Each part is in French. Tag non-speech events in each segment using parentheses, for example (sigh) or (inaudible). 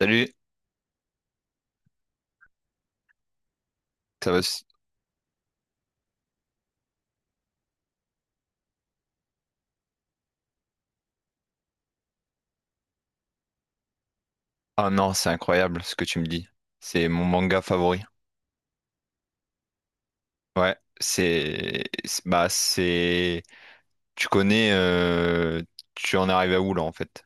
Salut, ça va? Ah non, c'est incroyable ce que tu me dis. C'est mon manga favori. Ouais, bah c'est tu connais tu en arrives à où là en fait?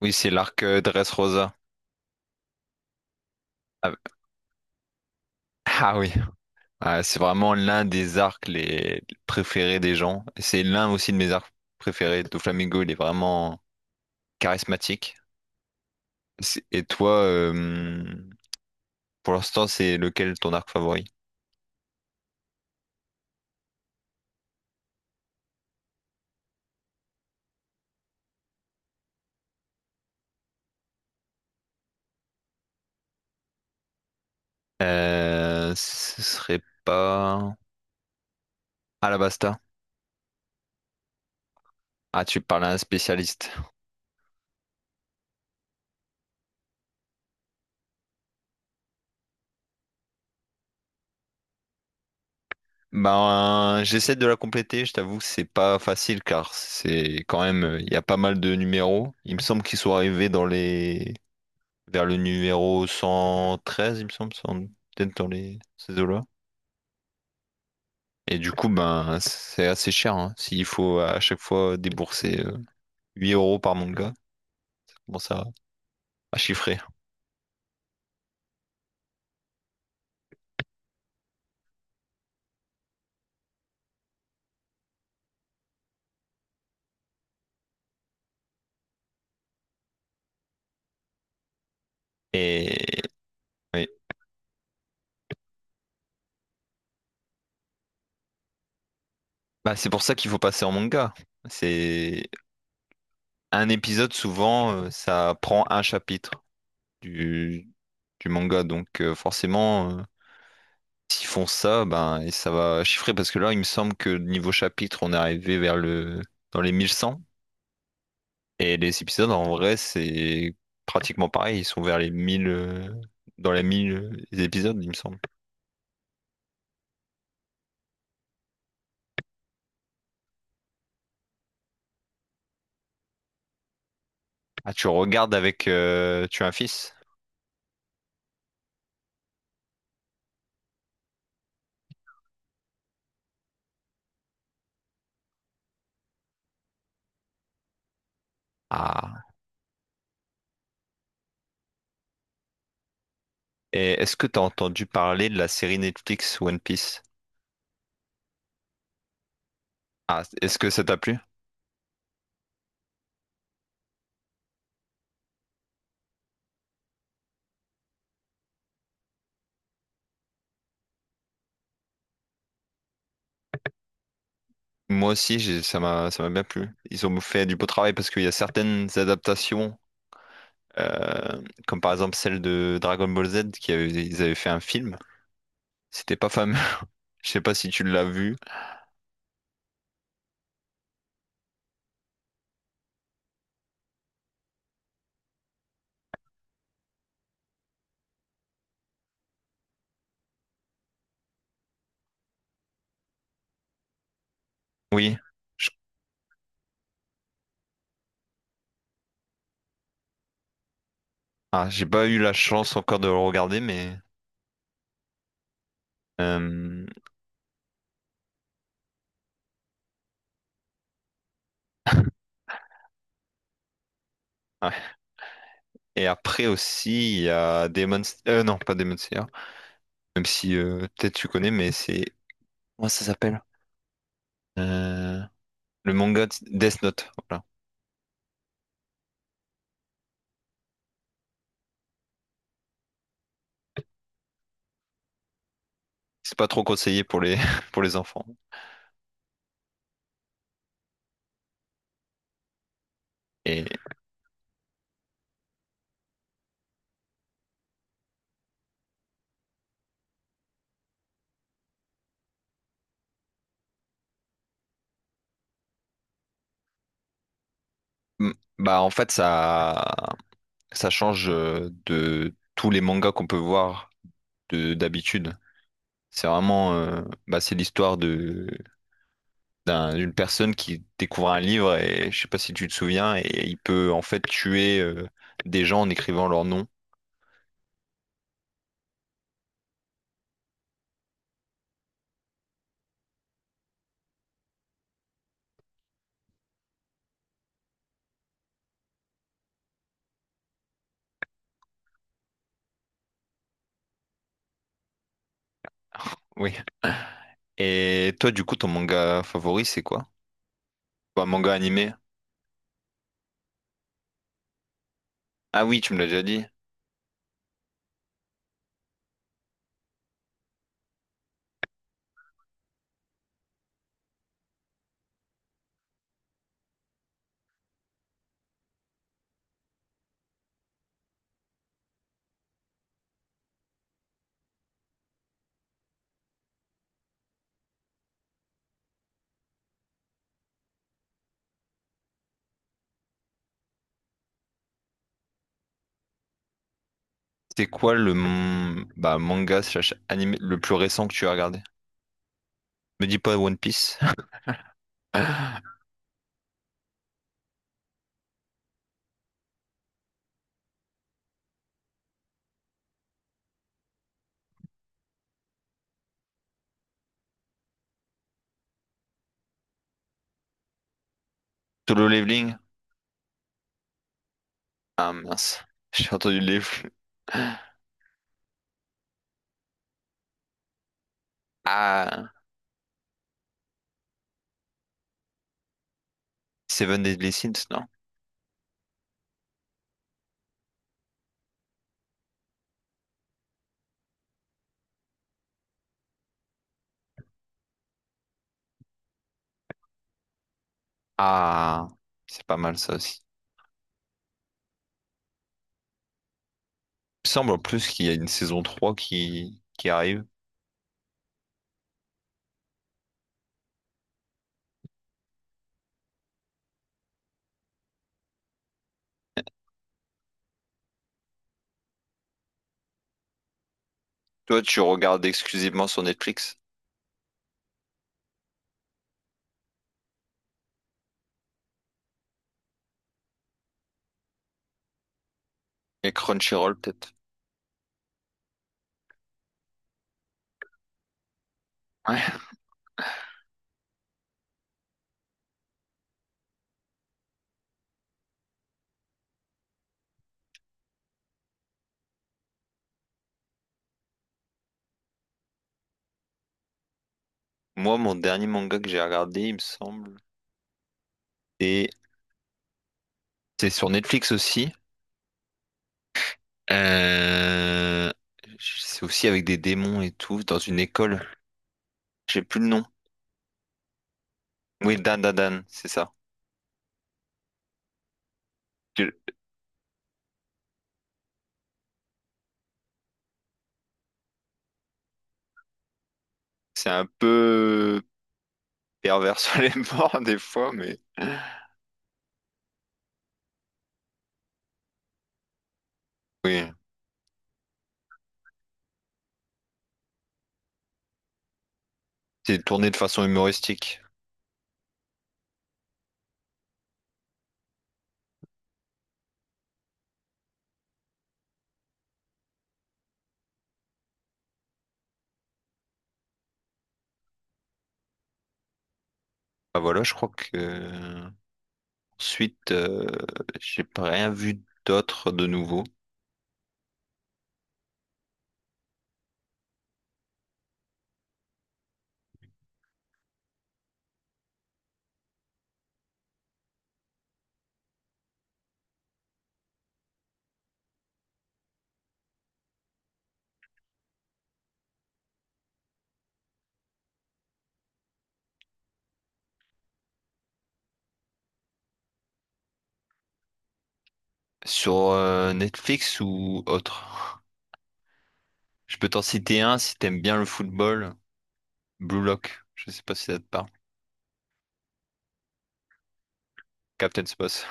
Oui, c'est l'arc Dressrosa. Ah, ah oui, ah, c'est vraiment l'un des arcs les préférés des gens. C'est l'un aussi de mes arcs préférés. Doflamingo, il est vraiment charismatique. Et toi, pour l'instant, c'est lequel ton arc favori? Ce serait pas. Alabasta. Ah, tu parles à un spécialiste. Ben, j'essaie de la compléter, je t'avoue que c'est pas facile car c'est quand même, il y a pas mal de numéros. Il me semble qu'ils sont arrivés dans les, vers le numéro 113, il me semble, 100 peut-être dans les, ces eaux-là. Et du coup, ben, c'est assez cher, hein. S'il faut à chaque fois débourser 8 € par manga, bon, ça, à chiffrer et oui. Bah, c'est pour ça qu'il faut passer en manga. C'est un épisode souvent ça prend un chapitre du du manga donc forcément s'ils font ça, ben, et ça va chiffrer parce que là, il me semble que niveau chapitre, on est arrivé vers le dans les 1100 et les épisodes en vrai, c'est pratiquement pareil, ils sont vers les 1 000 dans les 1 000 épisodes, il me semble. Ah, tu regardes avec tu as un fils? Ah, et est-ce que tu as entendu parler de la série Netflix One Piece? Ah, est-ce que ça t'a plu? Moi aussi, ça m'a bien plu. Ils ont fait du beau travail parce qu'il y a certaines adaptations Euh, comme par exemple celle de Dragon Ball Z qui avait, ils avaient fait un film. C'était pas fameux. (laughs) Je sais pas si tu l'as vu. Oui. Je- Ah, j'ai pas eu la chance encore de le regarder, mais. euh, (laughs) ouais. Et après aussi, il y a Demon. Non, pas Demon Slayer. Même si peut-être tu connais, mais c'est. Comment ça s'appelle? Euh, Le manga de Death Note. Voilà. C'est pas trop conseillé pour les (laughs) pour les enfants. Et mm, bah en fait ça. Ça change de tous les mangas qu'on peut voir de d'habitude. C'est vraiment, bah, c'est l'histoire de d'une personne qui découvre un livre et je sais pas si tu te souviens et il peut en fait tuer des gens en écrivant leur nom. Oui. Et toi, du coup, ton manga favori, c'est quoi? Ou un manga animé? Ah oui, tu me l'as déjà dit. C'est quoi bah, manga slash anime le plus récent que tu as regardé? Me dis pas One Piece. (laughs) Solo Leveling? Ah mince, j'ai entendu les flux. Ah, Seven Deadly Sins, non? Ah, c'est pas mal ça aussi. Il me semble en plus qu'il y a une saison 3 qui arrive. Toi, tu regardes exclusivement sur Netflix et Crunchyroll peut-être. Ouais. Moi, mon dernier manga que j'ai regardé, il me semble, et c'est sur Netflix aussi. Euh, c'est aussi avec des démons et tout, dans une école. J'ai plus le nom. Oui, Dan Dan Dan, c'est ça. Je- C'est un peu pervers (laughs) sur les bords des fois, mais oui. C'est tourné de façon humoristique. Ah voilà, je crois que ensuite, j'ai pas rien vu d'autre de nouveau sur Netflix ou autre. Je peux t'en citer un si t'aimes bien le football. Blue Lock, je sais pas si ça te parle. Captain Space.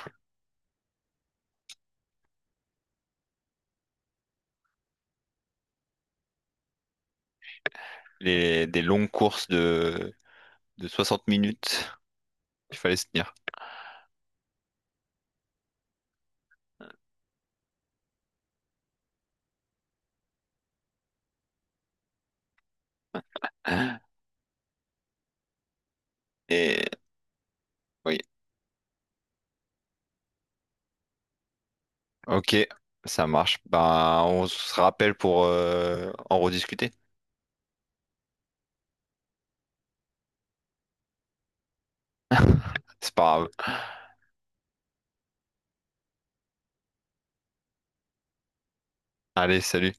Les, des longues courses de, 60 minutes. Il fallait se tenir. Et oui, ok, ça marche. Ben, on se rappelle pour en rediscuter. C'est pas grave. Allez, salut.